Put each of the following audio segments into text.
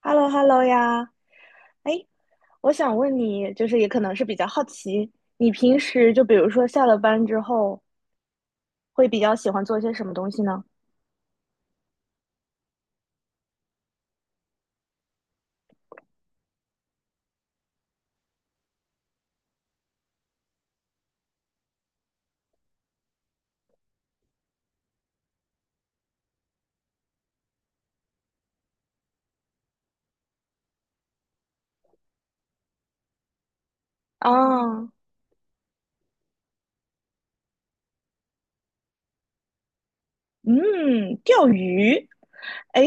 hello hello 呀，哎，我想问你，就是也可能是比较好奇，你平时就比如说下了班之后，会比较喜欢做些什么东西呢？啊，嗯，钓鱼。哎，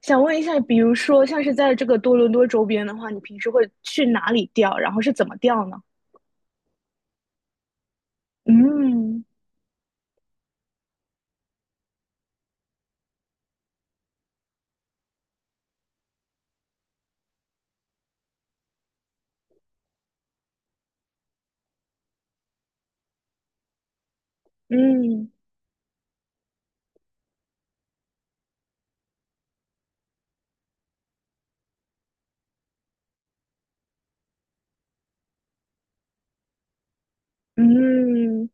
想问一下，比如说像是在这个多伦多周边的话，你平时会去哪里钓？然后是怎么钓呢？嗯嗯嗯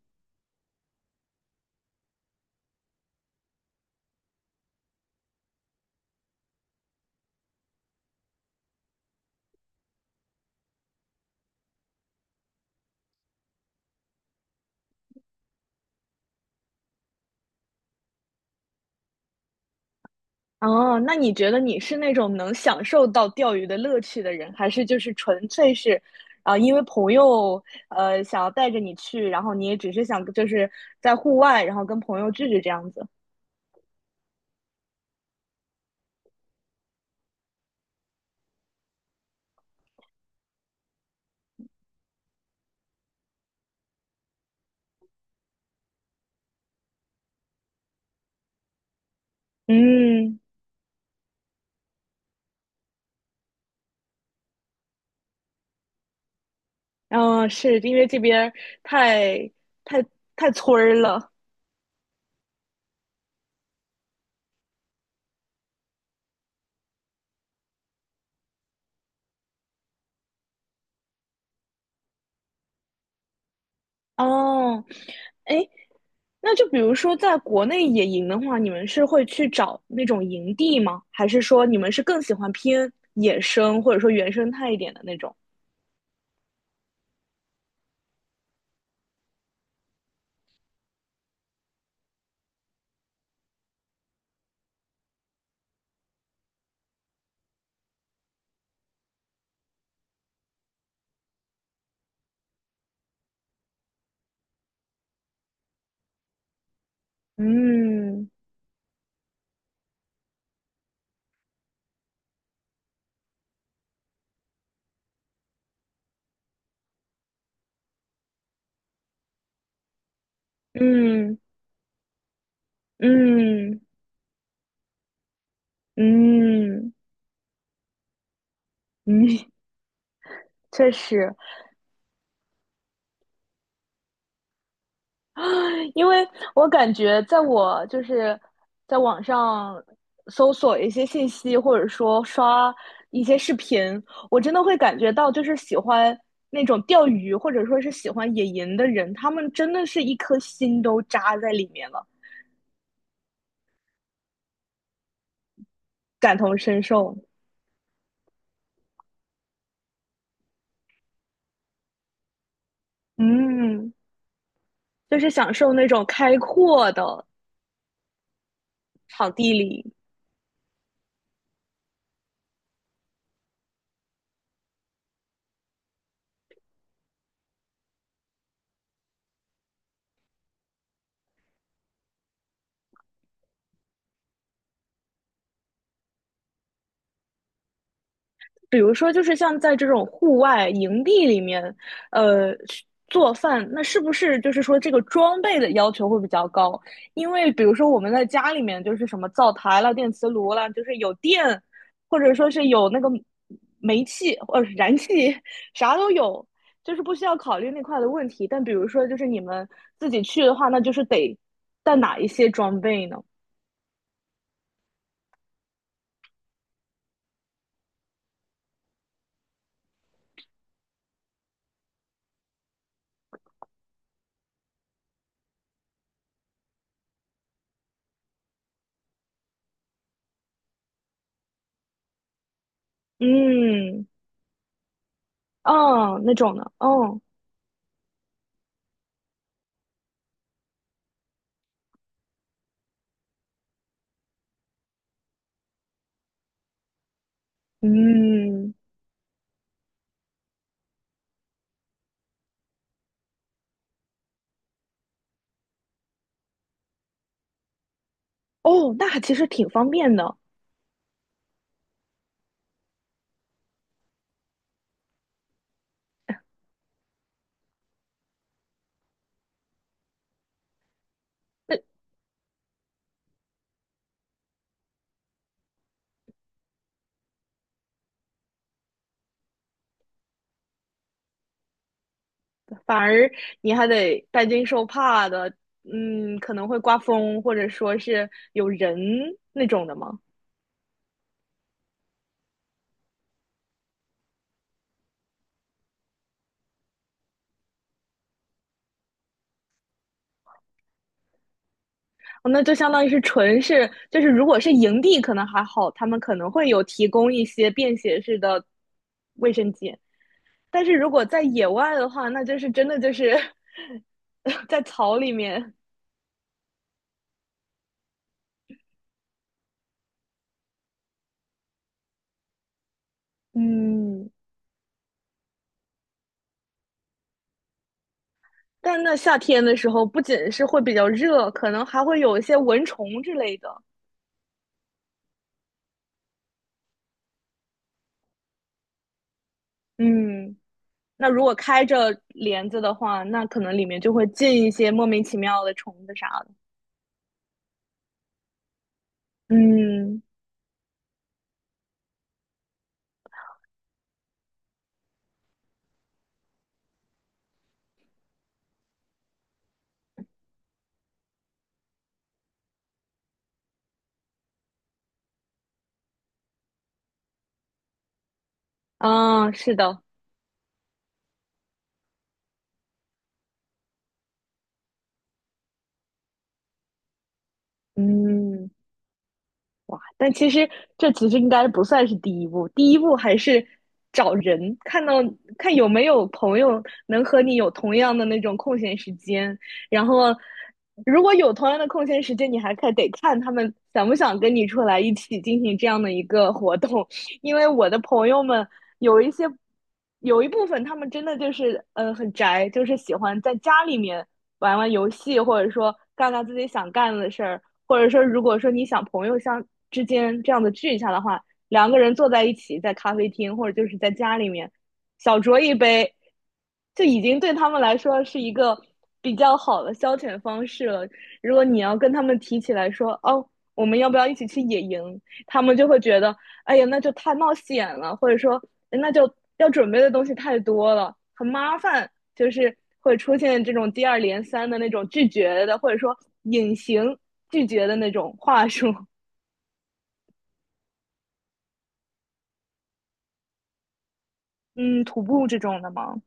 哦，那你觉得你是那种能享受到钓鱼的乐趣的人，还是就是纯粹是，啊、因为朋友想要带着你去，然后你也只是想就是在户外，然后跟朋友聚聚这样子？嗯，嗯、是因为这边儿太太太村儿了。哦，哎，那就比如说在国内野营的话，你们是会去找那种营地吗？还是说你们是更喜欢偏野生或者说原生态一点的那种？嗯嗯嗯嗯嗯，确实，因为我感觉在我就是在网上搜索一些信息，或者说刷一些视频，我真的会感觉到，就是喜欢那种钓鱼，或者说是喜欢野营的人，他们真的是一颗心都扎在里面了，感同身受。嗯，就是享受那种开阔的场地里。比如说，就是像在这种户外营地里面，呃，做饭，那是不是就是说这个装备的要求会比较高？因为比如说我们在家里面，就是什么灶台了、电磁炉了，就是有电，或者说是有那个煤气或者燃气，啥都有，就是不需要考虑那块的问题。但比如说，就是你们自己去的话，那就是得带哪一些装备呢？嗯，哦，那种的，哦，嗯。哦，那还其实挺方便的，那反而你还得担惊受怕的，嗯，可能会刮风，或者说是有人那种的吗？哦，那就相当于是纯是，就是如果是营地可能还好，他们可能会有提供一些便携式的卫生间，但是如果在野外的话，那就是真的就是 在草里面，嗯。但那夏天的时候，不仅是会比较热，可能还会有一些蚊虫之类的。嗯，那如果开着帘子的话，那可能里面就会进一些莫名其妙的虫子啥的。嗯，啊，是的，嗯。但其实这其实应该不算是第一步，第一步还是找人，看到看有没有朋友能和你有同样的那种空闲时间，然后如果有同样的空闲时间，你还看得看他们想不想跟你出来一起进行这样的一个活动，因为我的朋友们有一些有一部分他们真的就是很宅，就是喜欢在家里面玩玩游戏，或者说干干自己想干的事儿。或者说，如果说你想朋友相之间这样子聚一下的话，两个人坐在一起，在咖啡厅或者就是在家里面小酌一杯，就已经对他们来说是一个比较好的消遣方式了。如果你要跟他们提起来说，哦，我们要不要一起去野营？他们就会觉得，哎呀，那就太冒险了，或者说那就要准备的东西太多了，很麻烦，就是会出现这种接二连三的那种拒绝的，或者说隐形拒绝的那种话术。嗯，徒步这种的吗？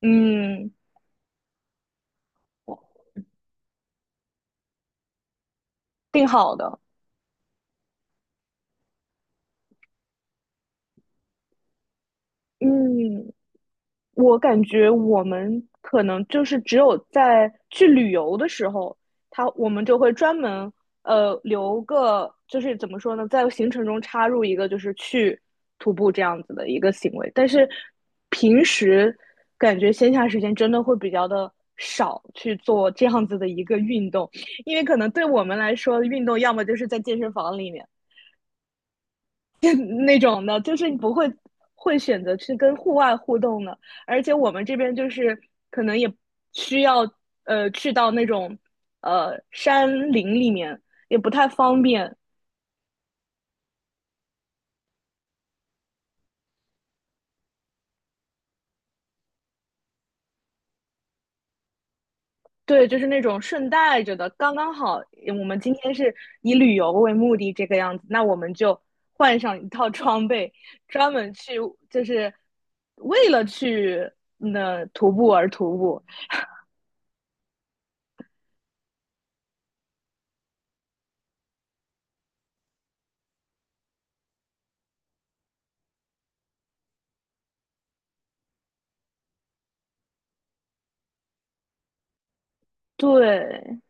嗯，定好的。嗯，我感觉我们可能就是只有在去旅游的时候，他我们就会专门留个，就是怎么说呢，在行程中插入一个就是去徒步这样子的一个行为。但是平时感觉闲暇时间真的会比较的少去做这样子的一个运动，因为可能对我们来说，运动要么就是在健身房里面。那种的，就是你不会会选择去跟户外互动的，而且我们这边就是可能也需要去到那种山林里面，也不太方便。对，就是那种顺带着的，刚刚好。我们今天是以旅游为目的这个样子，那我们就换上一套装备，专门去就是为了去那、徒步而徒步。对，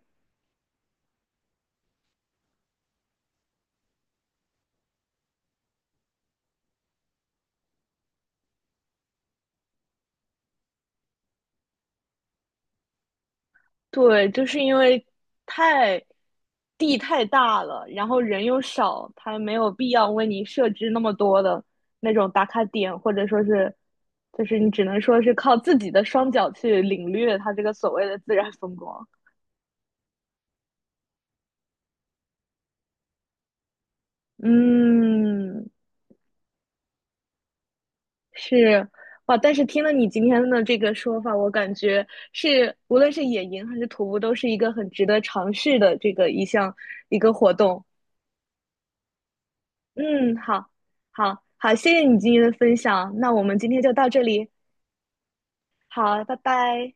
对，就是因为太地太大了，然后人又少，他没有必要为你设置那么多的那种打卡点，或者说是，就是你只能说是靠自己的双脚去领略它这个所谓的自然风光。嗯，是哇，但是听了你今天的这个说法，我感觉是无论是野营还是徒步，都是一个很值得尝试的这个一个活动。嗯，好，好，好，谢谢你今天的分享，那我们今天就到这里，好，拜拜。